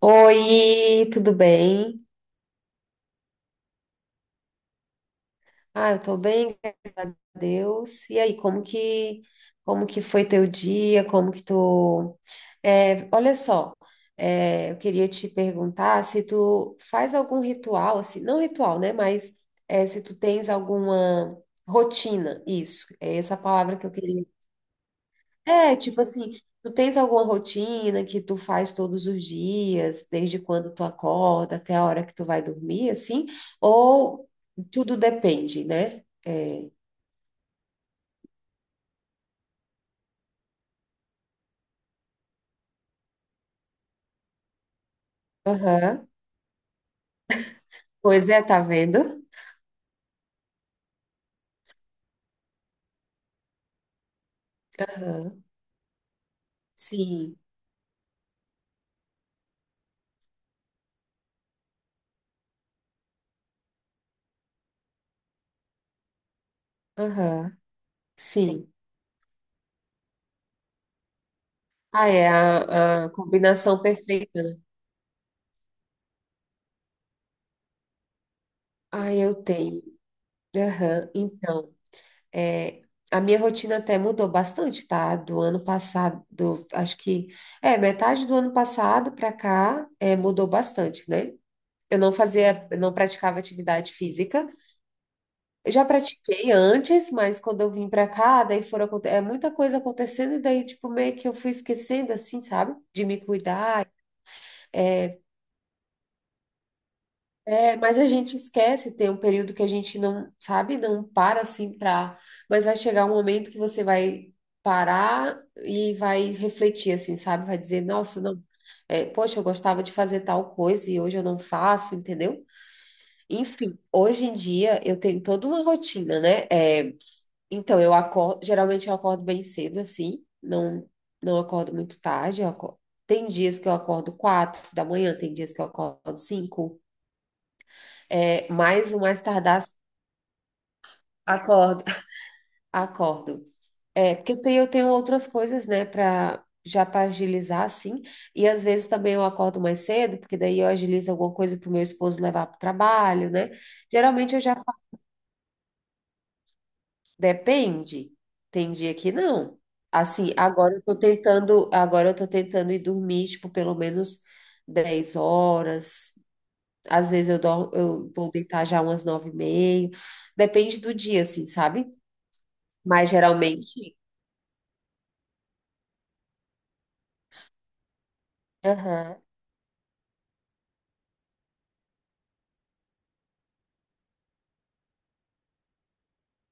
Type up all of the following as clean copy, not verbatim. Oi, tudo bem? Ah, eu tô bem, graças a Deus. E aí, como que foi teu dia? Como que tu... É, olha só, é, eu queria te perguntar se tu faz algum ritual, assim, não ritual, né? Mas é, se tu tens alguma rotina, isso, é essa palavra que eu queria. É, tipo assim, tu tens alguma rotina que tu faz todos os dias, desde quando tu acorda até a hora que tu vai dormir, assim? Ou tudo depende, né? É. Aham. Pois é, tá vendo? Aham. Sim. Aham. Sim. Ah, é a combinação perfeita, né? Ah, eu tenho. Aham. Então. É, a minha rotina até mudou bastante, tá? Do ano passado, acho que é metade do ano passado para cá, é, mudou bastante, né? Eu não fazia, eu não praticava atividade física. Eu já pratiquei antes, mas quando eu vim para cá, daí é muita coisa acontecendo e daí tipo meio que eu fui esquecendo assim, sabe? De me cuidar. é, É, mas a gente esquece, tem um período que a gente não, sabe, não para assim pra. Mas vai chegar um momento que você vai parar e vai refletir, assim, sabe? Vai dizer, nossa, não, é, poxa, eu gostava de fazer tal coisa e hoje eu não faço, entendeu? Enfim, hoje em dia eu tenho toda uma rotina, né? É, então, eu acordo, geralmente eu acordo bem cedo, assim, não, não acordo muito tarde, eu acordo. Tem dias que eu acordo 4 da manhã, tem dias que eu acordo 5. É, mais o mais tardar, acordo. Acordo. É, porque eu tenho outras coisas, né, para já para agilizar, assim. E às vezes também eu acordo mais cedo, porque daí eu agilizo alguma coisa para o meu esposo levar para o trabalho, né? Geralmente eu já. Depende. Tem dia que não. Assim, agora eu tô tentando ir dormir, tipo, pelo menos 10 horas. Às vezes eu vou deitar já umas 9h30. Depende do dia, assim, sabe? Mas geralmente. Aham.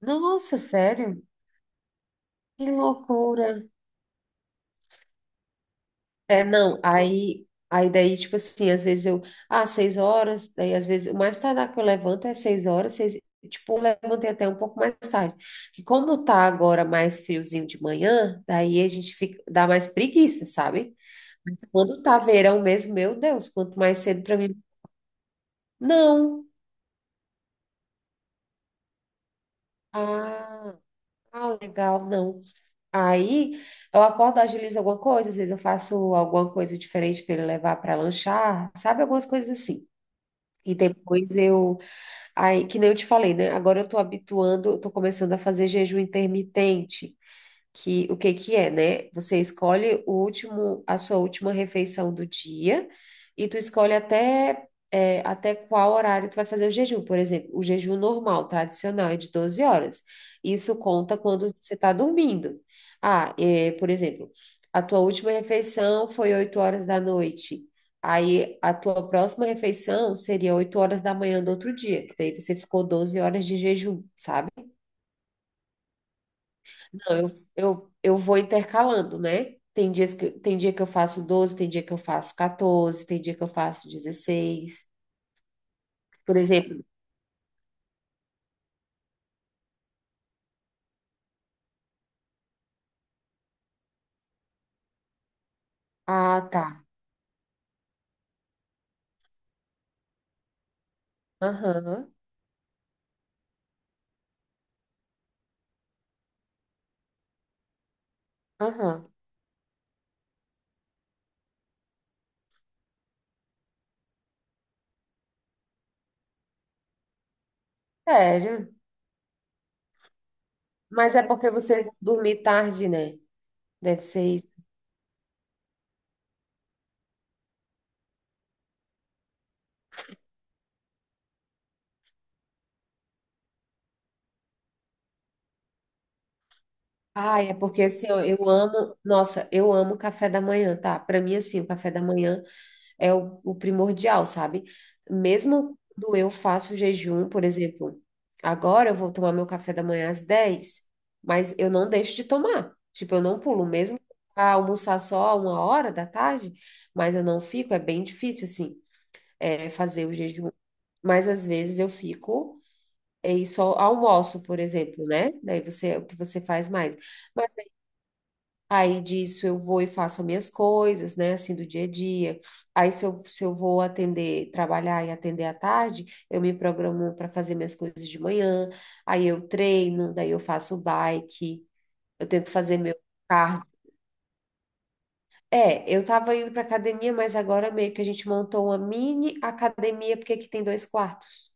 Nossa, sério? Que loucura. É, não, aí daí, tipo assim, às vezes 6 horas, daí às vezes, o mais tardar que eu levanto é 6 horas, tipo, eu levantei até um pouco mais tarde. Que como tá agora mais friozinho de manhã, daí a gente fica, dá mais preguiça, sabe? Mas quando tá verão mesmo, meu Deus, quanto mais cedo pra mim. Não. Ah, ah, legal, não. Aí eu acordo, agilizo alguma coisa, às vezes eu faço alguma coisa diferente para ele levar para lanchar, sabe? Algumas coisas assim. E depois aí, que nem eu te falei, né? Agora eu tô habituando, eu tô começando a fazer jejum intermitente que o que que é, né? Você escolhe o último, a sua última refeição do dia e tu escolhe até qual horário tu vai fazer o jejum. Por exemplo, o jejum normal, tradicional, é de 12 horas. Isso conta quando você está dormindo. Ah, é, por exemplo, a tua última refeição foi 8 horas da noite. Aí a tua próxima refeição seria 8 horas da manhã do outro dia, que daí você ficou 12 horas de jejum, sabe? Não, eu vou intercalando, né? Tem dia que eu faço 12, tem dia que eu faço 14, tem dia que eu faço 16. Por exemplo, ah, tá. Aham, aham. Sério? Mas é porque você dormir tarde, né? Deve ser isso. Ah, é porque assim, ó, eu amo, nossa, eu amo café da manhã, tá? Pra mim, assim, o café da manhã é o primordial, sabe? Mesmo quando eu faço jejum, por exemplo, agora eu vou tomar meu café da manhã às 10, mas eu não deixo de tomar. Tipo, eu não pulo, mesmo pra almoçar só 1 hora da tarde, mas eu não fico, é bem difícil, assim, é, fazer o jejum. Mas às vezes eu fico e só almoço, por exemplo, né? Daí você, o que você faz mais. Aí disso eu vou e faço as minhas coisas, né, assim do dia a dia. Aí se eu vou atender, trabalhar e atender à tarde, eu me programo para fazer minhas coisas de manhã. Aí eu treino, daí eu faço bike, eu tenho que fazer meu cardio. É, eu tava indo para academia, mas agora meio que a gente montou uma mini academia, porque aqui tem dois quartos.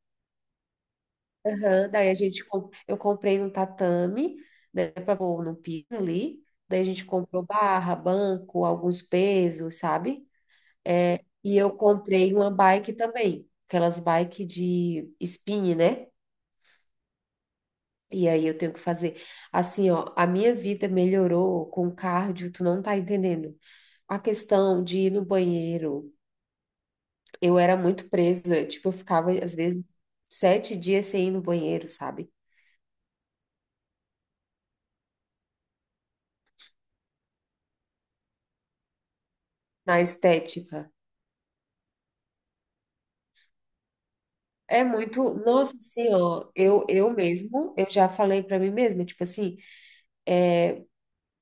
Aham, daí a gente, eu comprei um tatame, né, para pôr no piso ali. Daí a gente comprou barra, banco, alguns pesos, sabe? É, e eu comprei uma bike também, aquelas bike de spin, né? E aí eu tenho que fazer. Assim, ó, a minha vida melhorou com cardio, tu não tá entendendo. A questão de ir no banheiro, eu era muito presa, tipo, eu ficava, às vezes, 7 dias sem ir no banheiro, sabe? Na estética. É muito, nossa, assim, ó, eu mesmo, eu já falei pra mim mesma, tipo assim,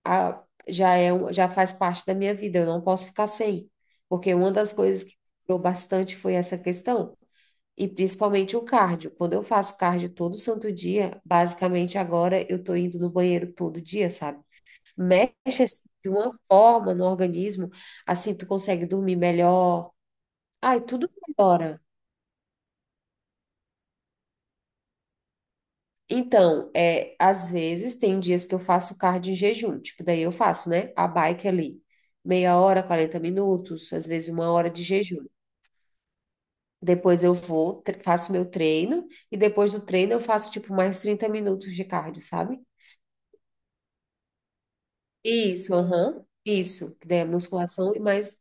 a- já é, já faz parte da minha vida, eu não posso ficar sem, porque uma das coisas que durou bastante foi essa questão, e principalmente o cardio. Quando eu faço cardio todo santo dia, basicamente agora eu tô indo no banheiro todo dia, sabe? Mexe assim, de uma forma no organismo, assim tu consegue dormir melhor. Ai, tudo melhora. Então, é, às vezes tem dias que eu faço cardio em jejum, tipo, daí eu faço, né? A bike ali, meia hora, 40 minutos, às vezes 1 hora de jejum. Depois eu vou, faço meu treino, e depois do treino eu faço, tipo, mais 30 minutos de cardio, sabe? Isso, aham, isso, que daí é musculação e mais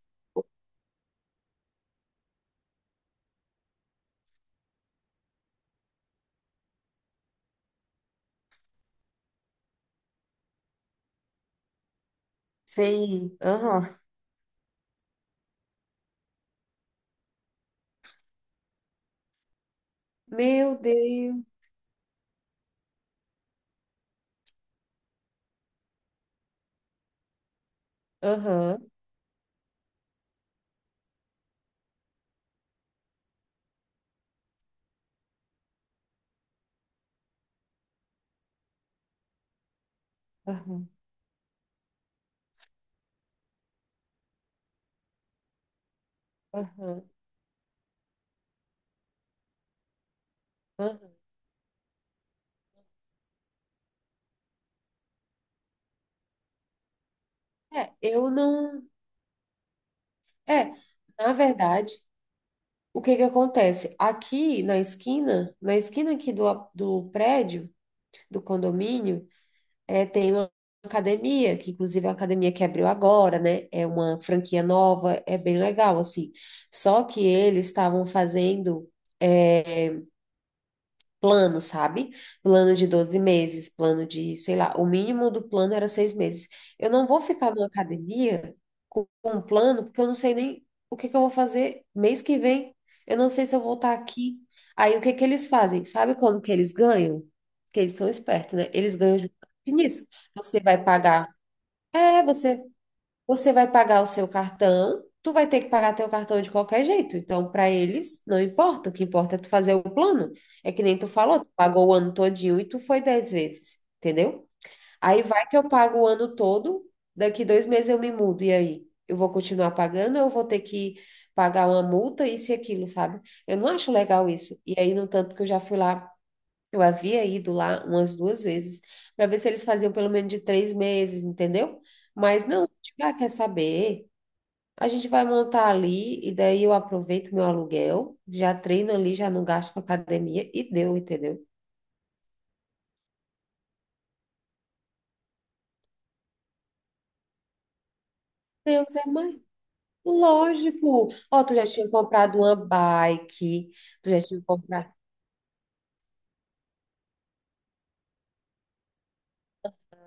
sem, aham. Meu Deus, aham, aham, aham, aham. É, eu não, é, na verdade. O que que acontece? Aqui na esquina aqui do prédio, do condomínio, é, tem uma academia, que inclusive é uma academia que abriu agora, né? É uma franquia nova, é bem legal, assim. Só que eles estavam fazendo. eh, plano, sabe? Plano de 12 meses, plano de, sei lá, o mínimo do plano era 6 meses. Eu não vou ficar numa academia com um plano, porque eu não sei nem o que que eu vou fazer mês que vem. Eu não sei se eu vou estar aqui. Aí o que que eles fazem? Sabe como que eles ganham? Porque eles são espertos, né? Eles ganham justamente nisso. Você vai pagar. É, você vai pagar o seu cartão, tu vai ter que pagar teu cartão de qualquer jeito. Então, para eles, não importa. O que importa é tu fazer o plano. É que nem tu falou, tu pagou o ano todinho e tu foi 10 vezes, entendeu? Aí vai que eu pago o ano todo, daqui 2 meses eu me mudo. E aí? Eu vou continuar pagando ou eu vou ter que pagar uma multa, isso e aquilo, sabe? Eu não acho legal isso. E aí, no tanto que eu já fui lá eu havia ido lá umas duas vezes para ver se eles faziam pelo menos de 3 meses, entendeu? Mas não, tipo, ah, quer saber? A gente vai montar ali e daí eu aproveito meu aluguel, já treino ali, já não gasto com academia e deu, entendeu? Deus é mãe. Lógico. Ó, tu já tinha comprado uma bike, tu já tinha comprado.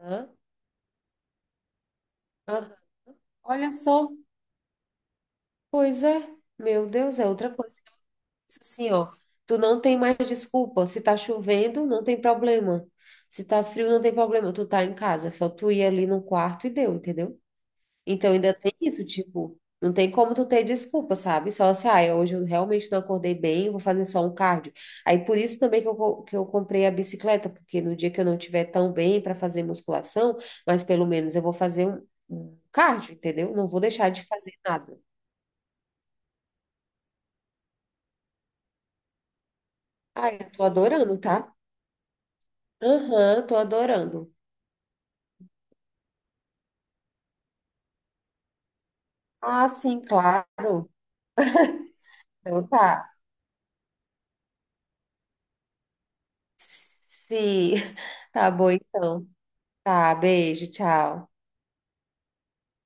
Hã? Hã? Olha só, pois é. Meu Deus, é outra coisa. Assim, ó, tu não tem mais desculpa. Se tá chovendo, não tem problema. Se tá frio, não tem problema. Tu tá em casa, é só tu ir ali no quarto e deu, entendeu? Então ainda tem isso, tipo, não tem como tu ter desculpa, sabe? Só assim, ah, hoje eu realmente não acordei bem, eu vou fazer só um cardio. Aí por isso também que eu, que eu comprei a bicicleta, porque no dia que eu não tiver tão bem para fazer musculação, mas pelo menos eu vou fazer um cardio, entendeu? Não vou deixar de fazer nada. Ai, eu tô adorando, tá? Aham, tô adorando. Ah, sim, claro. Então tá. Sim. Tá bom, então. Tá, beijo, tchau.